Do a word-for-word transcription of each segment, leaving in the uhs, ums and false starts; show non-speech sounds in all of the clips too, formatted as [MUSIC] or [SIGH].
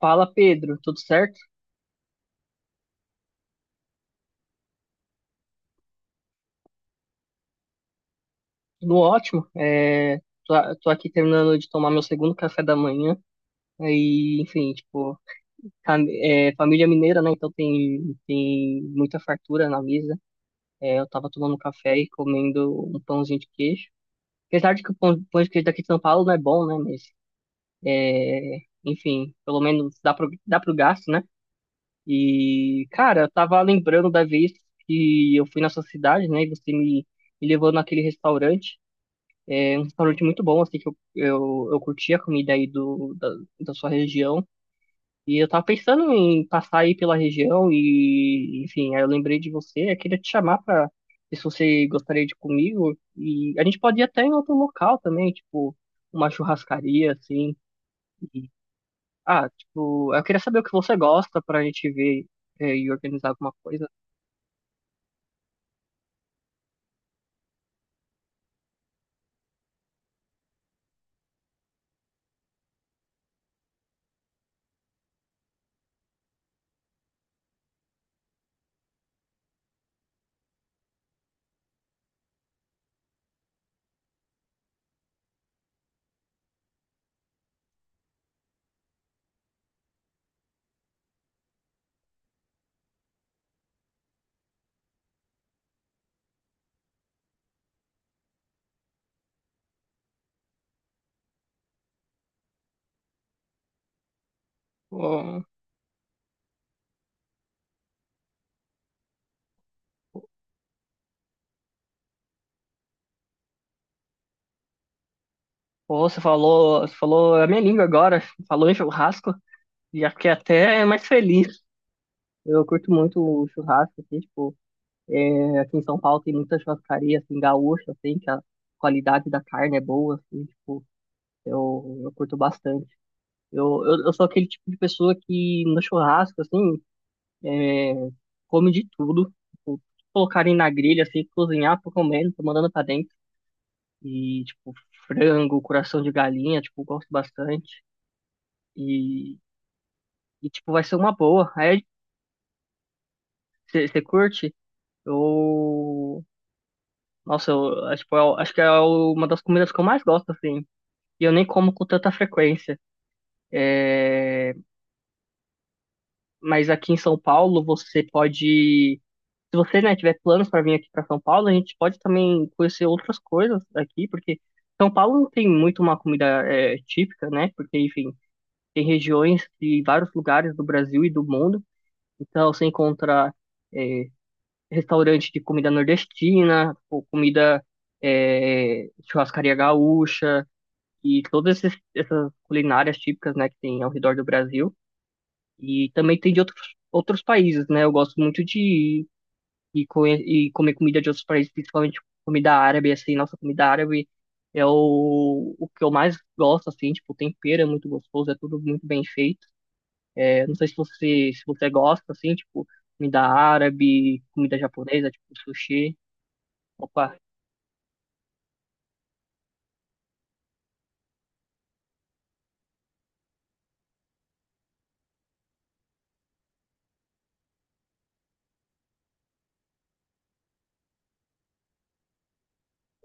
Fala, Pedro, tudo certo? Tudo ótimo. É, tô, tô aqui terminando de tomar meu segundo café da manhã. Aí, enfim, tipo, cam- é, família mineira, né? Então tem, tem muita fartura na mesa. É, eu tava tomando café e comendo um pãozinho de queijo. Apesar de que o pão, pão de queijo daqui de São Paulo não é bom, né? Mas, enfim, pelo menos dá pro, dá pro gasto, né? E, cara, eu tava lembrando da vez que eu fui na sua cidade, né? E você me, me levou naquele restaurante. Um restaurante muito bom, assim, que eu, eu, eu curti a comida aí do, da, da sua região. E eu tava pensando em passar aí pela região e, enfim, aí eu lembrei de você, eu queria te chamar pra ver se você gostaria de ir comigo. E a gente pode ir até em outro local também, tipo, uma churrascaria, assim. E, ah, tipo, eu queria saber o que você gosta pra gente ver eh, e organizar alguma coisa. Pô, pô, você falou, Você falou a minha língua agora, falou em churrasco, já fiquei até mais feliz. Eu curto muito o churrasco, assim, tipo, é, aqui em São Paulo tem muita churrascaria, assim, gaúcha, assim, que a qualidade da carne é boa, assim, tipo, eu, eu curto bastante. Eu, eu, eu sou aquele tipo de pessoa que no churrasco, assim, come de tudo. Tipo, colocarem na grelha, assim, cozinhar, tô comendo, tô mandando pra dentro. E, tipo, frango, coração de galinha, tipo, gosto bastante. E, e tipo, vai ser uma boa. Aí, você curte? Eu, nossa, eu, é, tipo, eu acho que é uma das comidas que eu mais gosto, assim. E eu nem como com tanta frequência. Mas aqui em São Paulo, você pode. Se você, né, tiver planos para vir aqui para São Paulo, a gente pode também conhecer outras coisas aqui, porque São Paulo não tem muito uma comida é, típica, né? Porque, enfim, tem regiões de vários lugares do Brasil e do mundo. Então, você encontra é, restaurante de comida nordestina, ou comida é, churrascaria gaúcha e todas esses- essas culinárias típicas, né, que tem ao redor do Brasil e também tem de outros, outros países, né? Eu gosto muito de ir conhe- e, comer comida de outros países, principalmente comida árabe, assim, nossa comida árabe é o, o que eu mais gosto, assim, tipo, o tempero é muito gostoso, é tudo muito bem feito. É, não sei se você se você gosta, assim, tipo, comida árabe, comida japonesa, tipo sushi. Opa,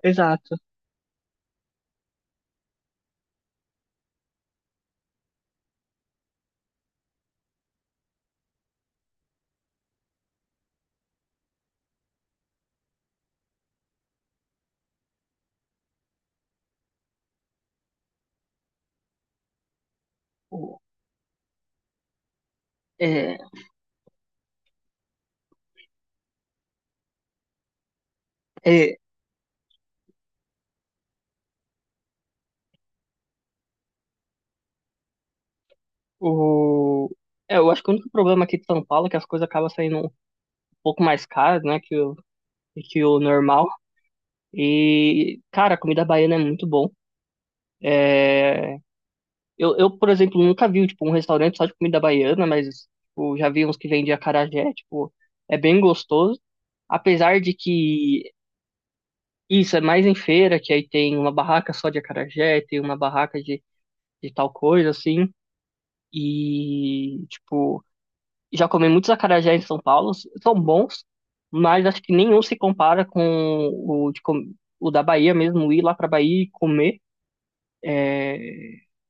exato. O- É, é, O... É, eu acho que o único problema aqui de São Paulo é que as coisas acabam saindo um pouco mais caras, né, que o, que o normal. E, cara, a comida baiana é muito bom. É... Eu, eu, por exemplo, nunca vi, tipo, um restaurante só de comida baiana, mas, tipo, já vi uns que vendem acarajé, tipo, é bem gostoso. Apesar de que isso é mais em feira, que aí tem uma barraca só de acarajé, tem uma barraca de, de tal coisa, assim. E, tipo... Já comi muitos acarajés em São Paulo, são bons, mas acho que nenhum se compara com o, de com- o da Bahia mesmo, ir lá pra Bahia e comer.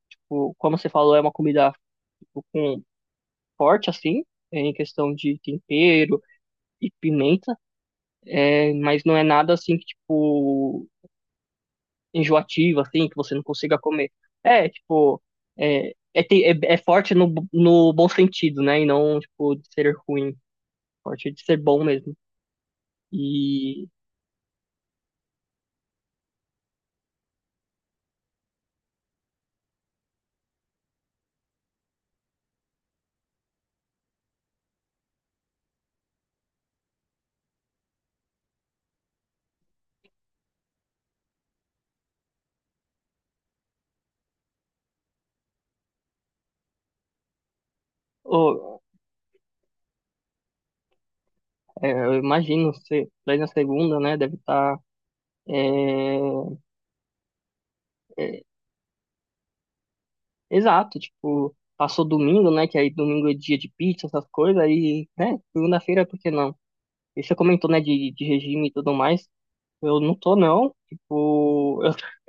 Tipo, como você falou, é uma comida tipo, com forte, assim, em questão de tempero e pimenta, é, mas não é nada assim que, tipo, enjoativo, assim, que você não consiga comer. É, tipo, é, é, te- é, é forte no, no bom sentido, né? E não, tipo, de ser ruim, forte de ser bom mesmo. E. Ô, é, eu imagino, você daí na segunda, né, deve estar é, é, exato, tipo, passou domingo, né, que aí domingo é dia de pizza, essas coisas, aí, né, segunda-feira, por que não? E você comentou, né, de, de regime e tudo mais, eu não tô, não, tipo, eu, [LAUGHS]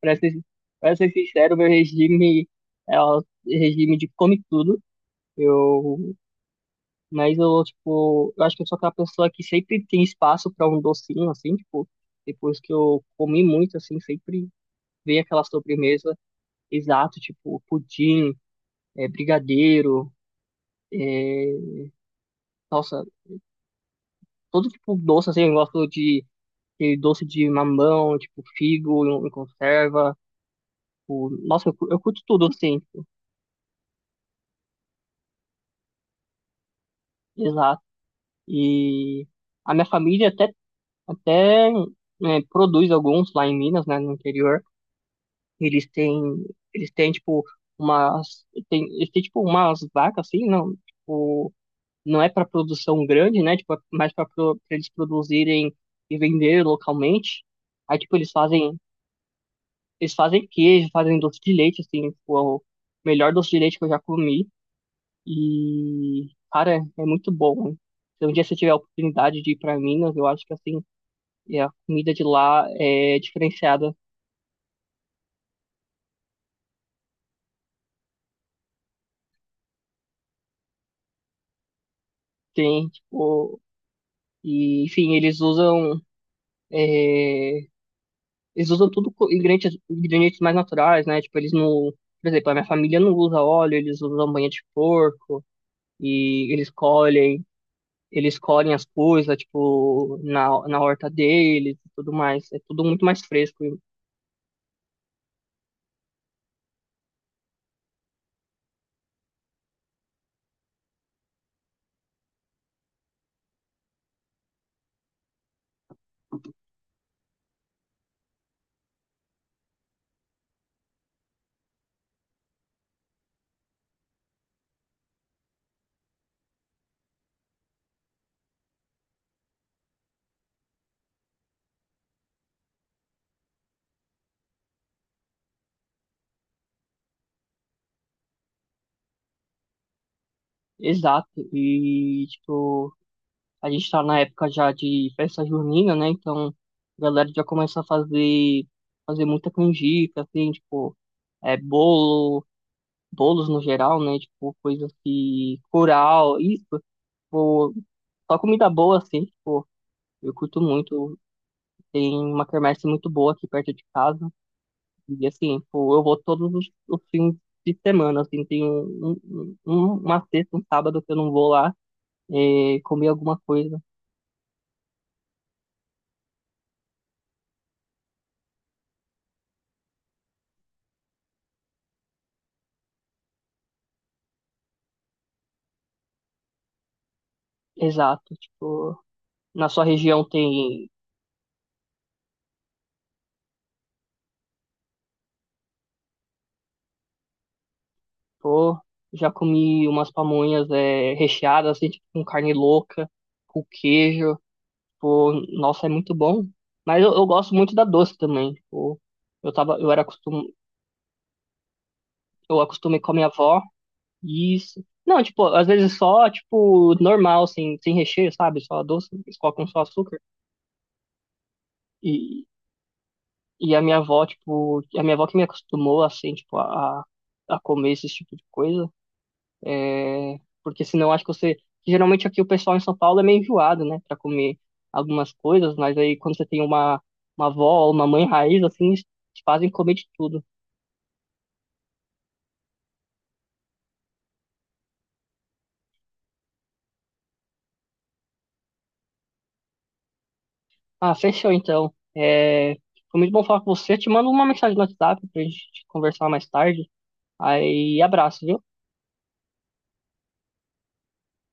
pra ser, pra ser sincero, meu regime é o regime de come tudo, eu, mas eu, tipo, eu acho que eu sou aquela pessoa que sempre tem espaço pra um docinho, assim, tipo, depois que eu comi muito, assim, sempre ver aquela sobremesa exato, tipo pudim, é, brigadeiro, nossa, todo tipo de doce, assim, eu gosto de aquele doce de mamão, tipo figo em, em conserva, o, nossa, eu, cu- eu curto tudo, assim, tipo, exato. E a minha família até, até né, produz alguns lá em Minas, né, no interior, eles têm, eles têm, tipo, umas, tem, eles têm, tipo, umas vacas, assim, não, tipo, não é para produção grande, né? Tipo, mas para eles produzirem e vender localmente. Aí, tipo, eles fazem, eles fazem queijo, fazem doce de leite, assim, tipo, é o melhor doce de leite que eu já comi. E, cara, é muito bom, hein? Se um dia você tiver a oportunidade de ir para Minas, eu acho que, assim, é, a comida de lá é diferenciada. Tem, tipo, e, enfim, eles usam eles usam tudo co- ingredientes, ingredientes mais naturais, né? Tipo, eles não. Por exemplo, a minha família não usa óleo, eles usam banha de porco e eles colhem, eles colhem as coisas, tipo, na, na horta deles e tudo mais. É tudo muito mais fresco. e- Exato. E, tipo, a gente tá na época já de festa junina, né? Então, a galera já começa a fazer, fazer muita canjica, assim, tipo, é, bolo bolos no geral, né? Tipo, coisas que. Curau, isso, tipo, só comida boa, assim, tipo, eu curto muito. Tem uma quermesse muito boa aqui perto de casa. E, assim, tipo, eu vou todos os, os fins de semana, assim, tem um, um- um- uma sexta, um sábado que eu não vou lá eh, comer alguma coisa. Exato, tipo, na sua região tem, pô, já comi umas pamonhas eh, recheadas, assim, tipo, com carne louca, com queijo, pô, nossa, é muito bom. Mas eu, eu gosto muito da doce também, tipo, eu tava, eu era acostum, eu acostumei com a minha avó. Isso. Não, tipo, às vezes só, tipo, normal, sem, sem recheio, sabe? Só doce, eles colocam só açúcar. E, e a minha avó, tipo, a minha avó que me acostumou, assim, tipo, a, a comer esse tipo de coisa. É, porque senão acho que você. Geralmente aqui o pessoal em São Paulo é meio enjoado, né, pra comer algumas coisas, mas aí quando você tem uma, uma avó ou uma mãe raiz, assim, eles te fazem comer de tudo. Ah, fechou então. É, foi muito bom falar com você. Te mando uma mensagem no WhatsApp pra gente conversar mais tarde. Aí, abraço, viu?